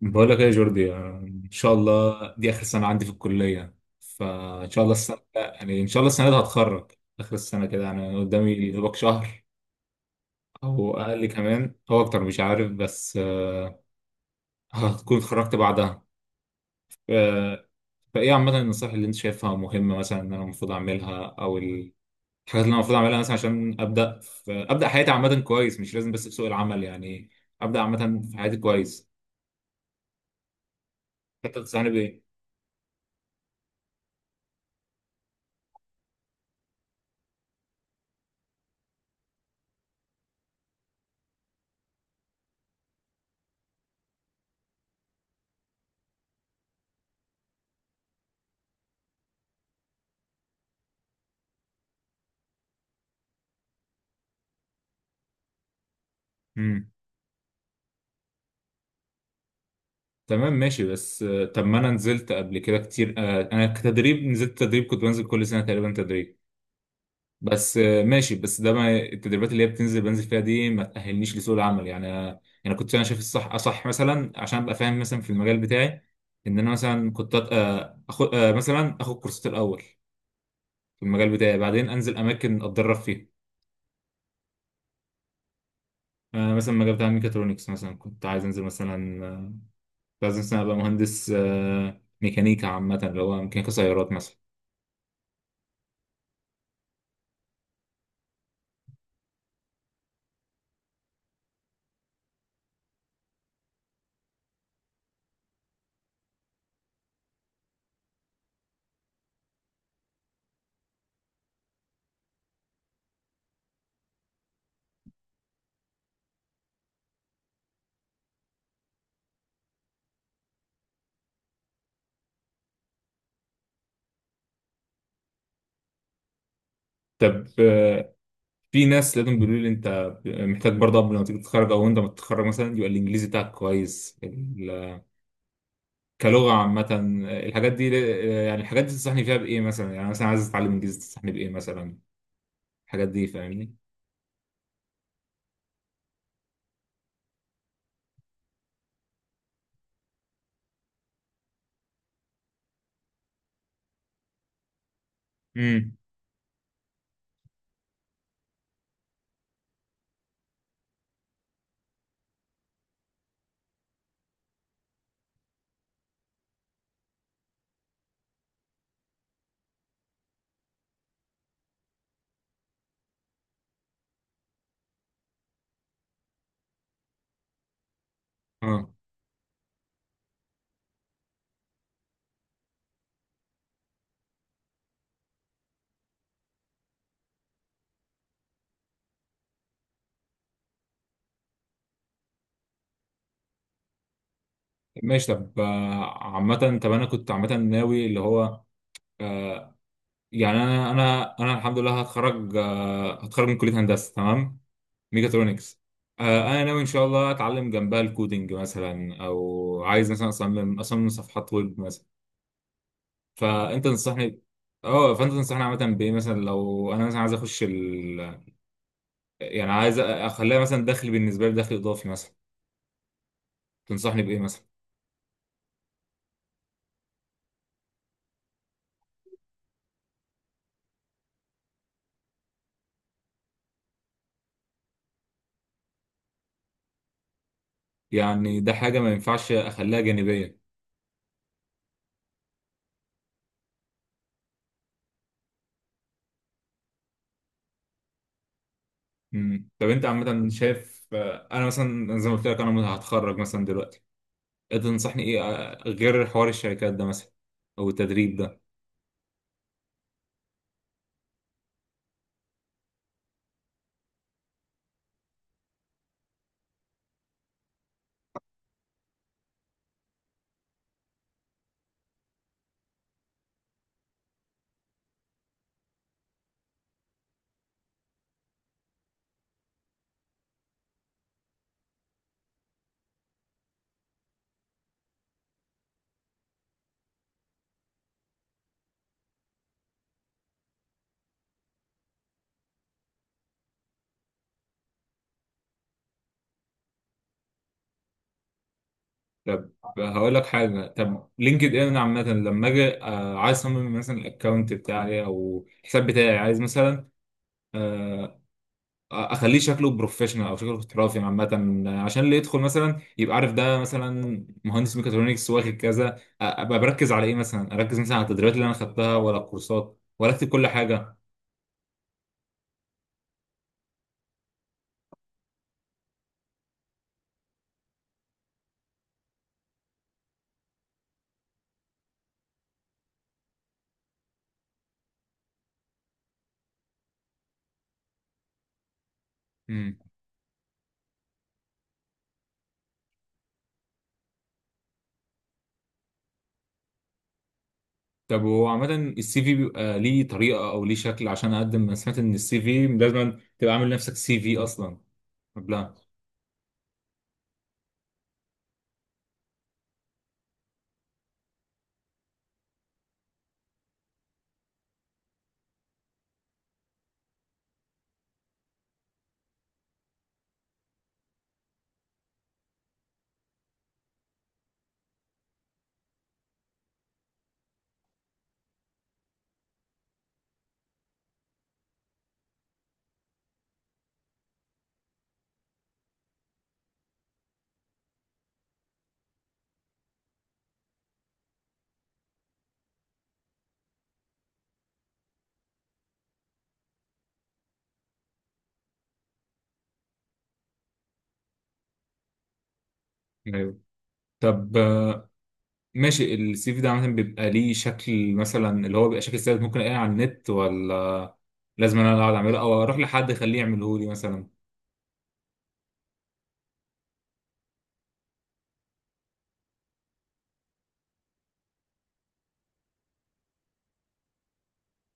بقول لك ايه يا جوردي يعني ان شاء الله دي اخر سنه عندي في الكليه. فان شاء الله السنه دي هتخرج اخر السنه كده، يعني قدامي دوبك شهر او اقل كمان او اكتر، مش عارف. بس هتكون اتخرجت بعدها. آه، فايه عامه النصائح اللي انت شايفها مهمه، مثلا ان انا المفروض اعملها او الحاجات اللي انا المفروض اعملها، مثلا عشان ابدا حياتي عامه كويس، مش لازم بس في سوق العمل، يعني ابدا عامه في حياتي كويس. انت تنصحني بايه؟ تمام ماشي. بس طب ما انا نزلت قبل كده كتير. انا كتدريب نزلت تدريب، كنت بنزل كل سنه تقريبا تدريب. بس ماشي. بس ده ما التدريبات اللي هي بتنزل بنزل فيها دي ما تاهلنيش لسوق العمل، يعني انا يعني كنت شايف الصح اصح مثلا عشان ابقى فاهم مثلا في المجال بتاعي، ان انا مثلا كنت اخد اخد كورسات الاول في المجال بتاعي، بعدين انزل اماكن اتدرب فيها. مثلا المجال بتاع الميكاترونكس، مثلا كنت عايز انزل مثلا، كنت عايز مثلا ابقى مهندس ميكانيكا عامه، اللي هو ميكانيكا سيارات مثلا. طب في ناس لازم بيقولوا لي انت محتاج برضه قبل ما تيجي تتخرج او انت متخرج مثلا يبقى الانجليزي بتاعك كويس. كلغه عامه، الحاجات دي، يعني الحاجات دي تنصحني فيها بايه مثلا؟ يعني مثلا عايز اتعلم انجليزي، تنصحني بايه مثلا؟ الحاجات دي، فاهمني. امم، اه ماشي. طب عامه، طب انا كنت عامه ناوي اللي هو آه، يعني انا الحمد لله هتخرج، هتخرج من كليه هندسه، تمام، ميكاترونكس. انا ناوي ان شاء الله اتعلم جنبها الكودينج مثلا، او عايز مثلا اصمم صفحات ويب مثلا. فانت تنصحني، اه فانت تنصحني عامه بايه مثلا لو انا مثلا عايز اخش يعني عايز اخليها مثلا دخل بالنسبه لي، دخل اضافي مثلا. تنصحني بايه مثلا؟ يعني ده حاجه ما ينفعش اخليها جانبيه؟ امم. طب انت عامه شايف انا مثلا زي ما قلت لك انا هتخرج مثلا دلوقتي، انت تنصحني ايه غير حوار الشركات ده مثلا او التدريب ده؟ طب هقول لك حاجه. طب لينكد ان عامه لما اجي عايز اصمم مثلا الاكونت بتاعي او الحساب بتاعي، عايز مثلا آه، اخليه شكله بروفيشنال او شكله احترافي عامه، عشان اللي يدخل مثلا يبقى عارف ده مثلا مهندس ميكاترونكس واخد كذا. ابقى بركز على ايه مثلا؟ اركز مثلا على التدريبات اللي انا خدتها، ولا الكورسات، ولا اكتب كل حاجه؟ مم. طب هو عامة السي في بيبقى ليه طريقة أو ليه شكل عشان أقدم؟ أنا سمعت إن السي في لازم تبقى عامل نفسك سي في أصلا قبلها. طب ماشي، السي في ده عامة بيبقى ليه شكل مثلا، اللي هو بيبقى شكل ثابت ممكن الاقيه على النت، ولا لازم انا اللي اقعد اعمله، او اروح لحد اخليه يعمله لي مثلا؟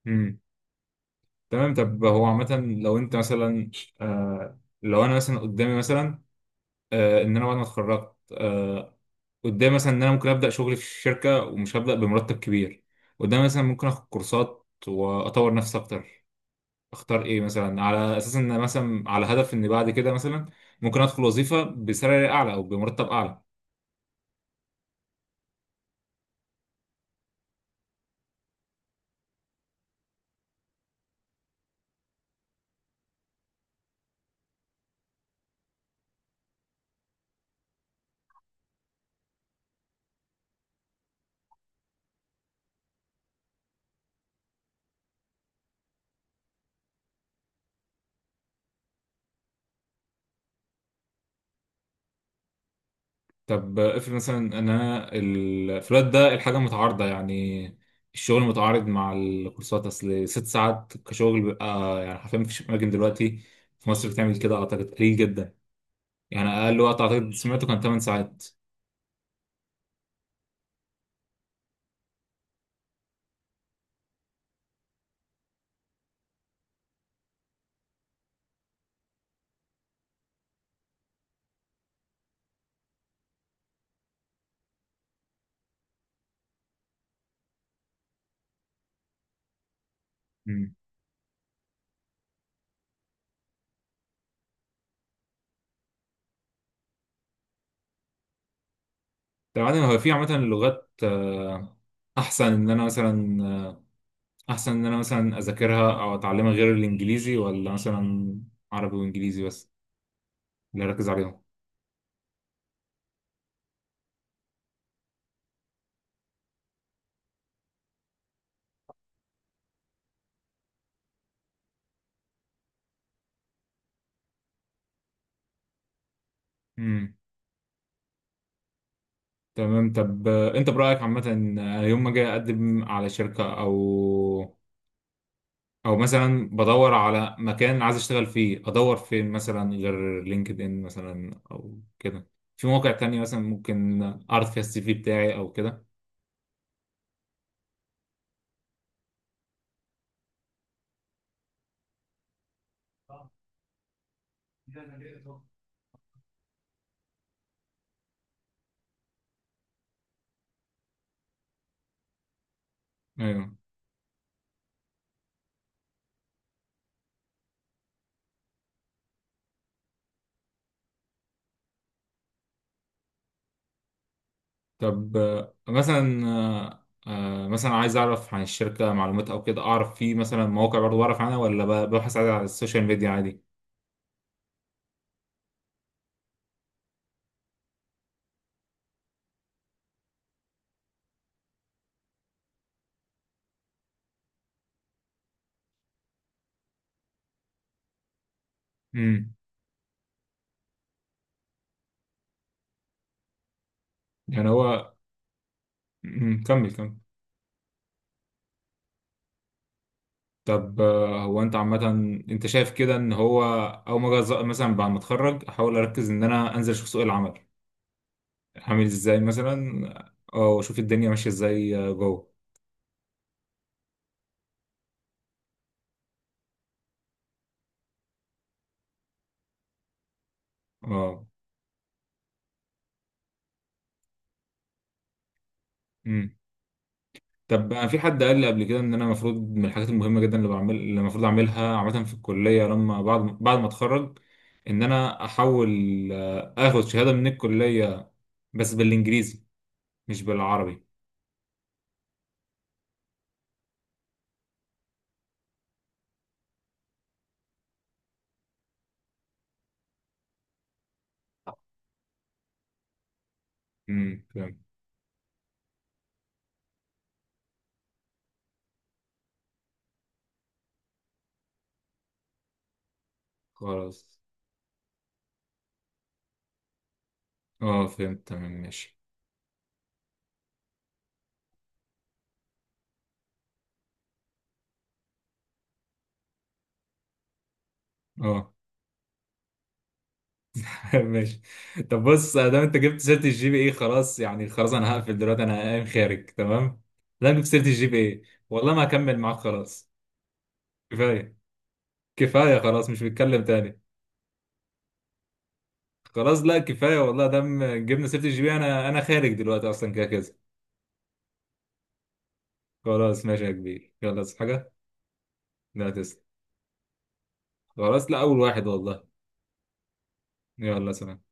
امم. تمام. طب هو عامة لو انت مثلا، آه لو انا مثلا قدامي مثلا، آه ان انا بعد ما اتخرجت، آه قدامي مثلا ان انا ممكن ابدا شغل في الشركة ومش هبدا بمرتب كبير، قدامي مثلا ممكن اخد كورسات واطور نفسي اكتر، اختار ايه مثلا؟ على اساس ان مثلا على هدف ان بعد كده مثلا ممكن ادخل وظيفه بسالري اعلى او بمرتب اعلى. طب افرض مثلا ان انا الفلات ده الحاجه متعارضه، يعني الشغل متعارض مع الكورسات، اصل ست ساعات كشغل بيبقى، يعني حرفيا مفيش اماكن دلوقتي في مصر بتعمل كده، اعتقد قليل جدا. يعني اقل وقت اعتقد سمعته كان 8 ساعات. امم. طبعا هو في عامه اللغات، احسن ان انا مثلا، احسن ان انا مثلا اذاكرها او اتعلمها غير الانجليزي، ولا مثلا عربي وانجليزي بس اللي اركز عليهم؟ امم. تمام. طب انت برايك عامه يوم ما اجي اقدم على شركه، او او مثلا بدور على مكان عايز اشتغل فيه، ادور فين مثلا غير لينكد ان مثلا او كده؟ في مواقع تانية مثلا ممكن اعرض فيها السي في بتاعي او كده؟ ايوه. طب آه، مثلا آه، آه، مثلا عايز اعرف عن الشركه معلومات او كده، اعرف في مثلا مواقع برضو بعرف عنها، ولا ببحث عادي على السوشيال ميديا عادي؟ امم. يعني هو مم، كمل كمل. طب هو انت عامه، انت شايف كده ان هو اول ما أجي مثلا بعد ما اتخرج احاول اركز ان انا انزل اشوف سوق العمل عامل ازاي مثلا، واشوف الدنيا ماشيه ازاي جوه؟ اه. طب أنا في حد قال لي قبل كده ان انا المفروض من الحاجات المهمه جدا اللي بعمل، اللي المفروض اعملها عامه في الكليه لما بعد ما اتخرج، ان انا احاول اخد شهاده من الكليه بس بالانجليزي مش بالعربي. امم، فهمت. خلاص، اه فهمت، تمام ماشي. اه ماشي. طب بص دام انت جبت سيره الجي بي اي، خلاص يعني، خلاص انا هقفل دلوقتي، انا قايم خارج تمام. دام جبت سيره الجي بي اي، والله ما هكمل معاك، خلاص كفايه، كفايه خلاص، مش بتكلم تاني. خلاص لا كفايه والله، دام جبنا سيره الجي بي، انا انا خارج دلوقتي اصلا كده كده. خلاص ماشي يا كبير، يلا بس حاجه، لا تسلم، خلاص لا اول واحد والله، يلا سلام.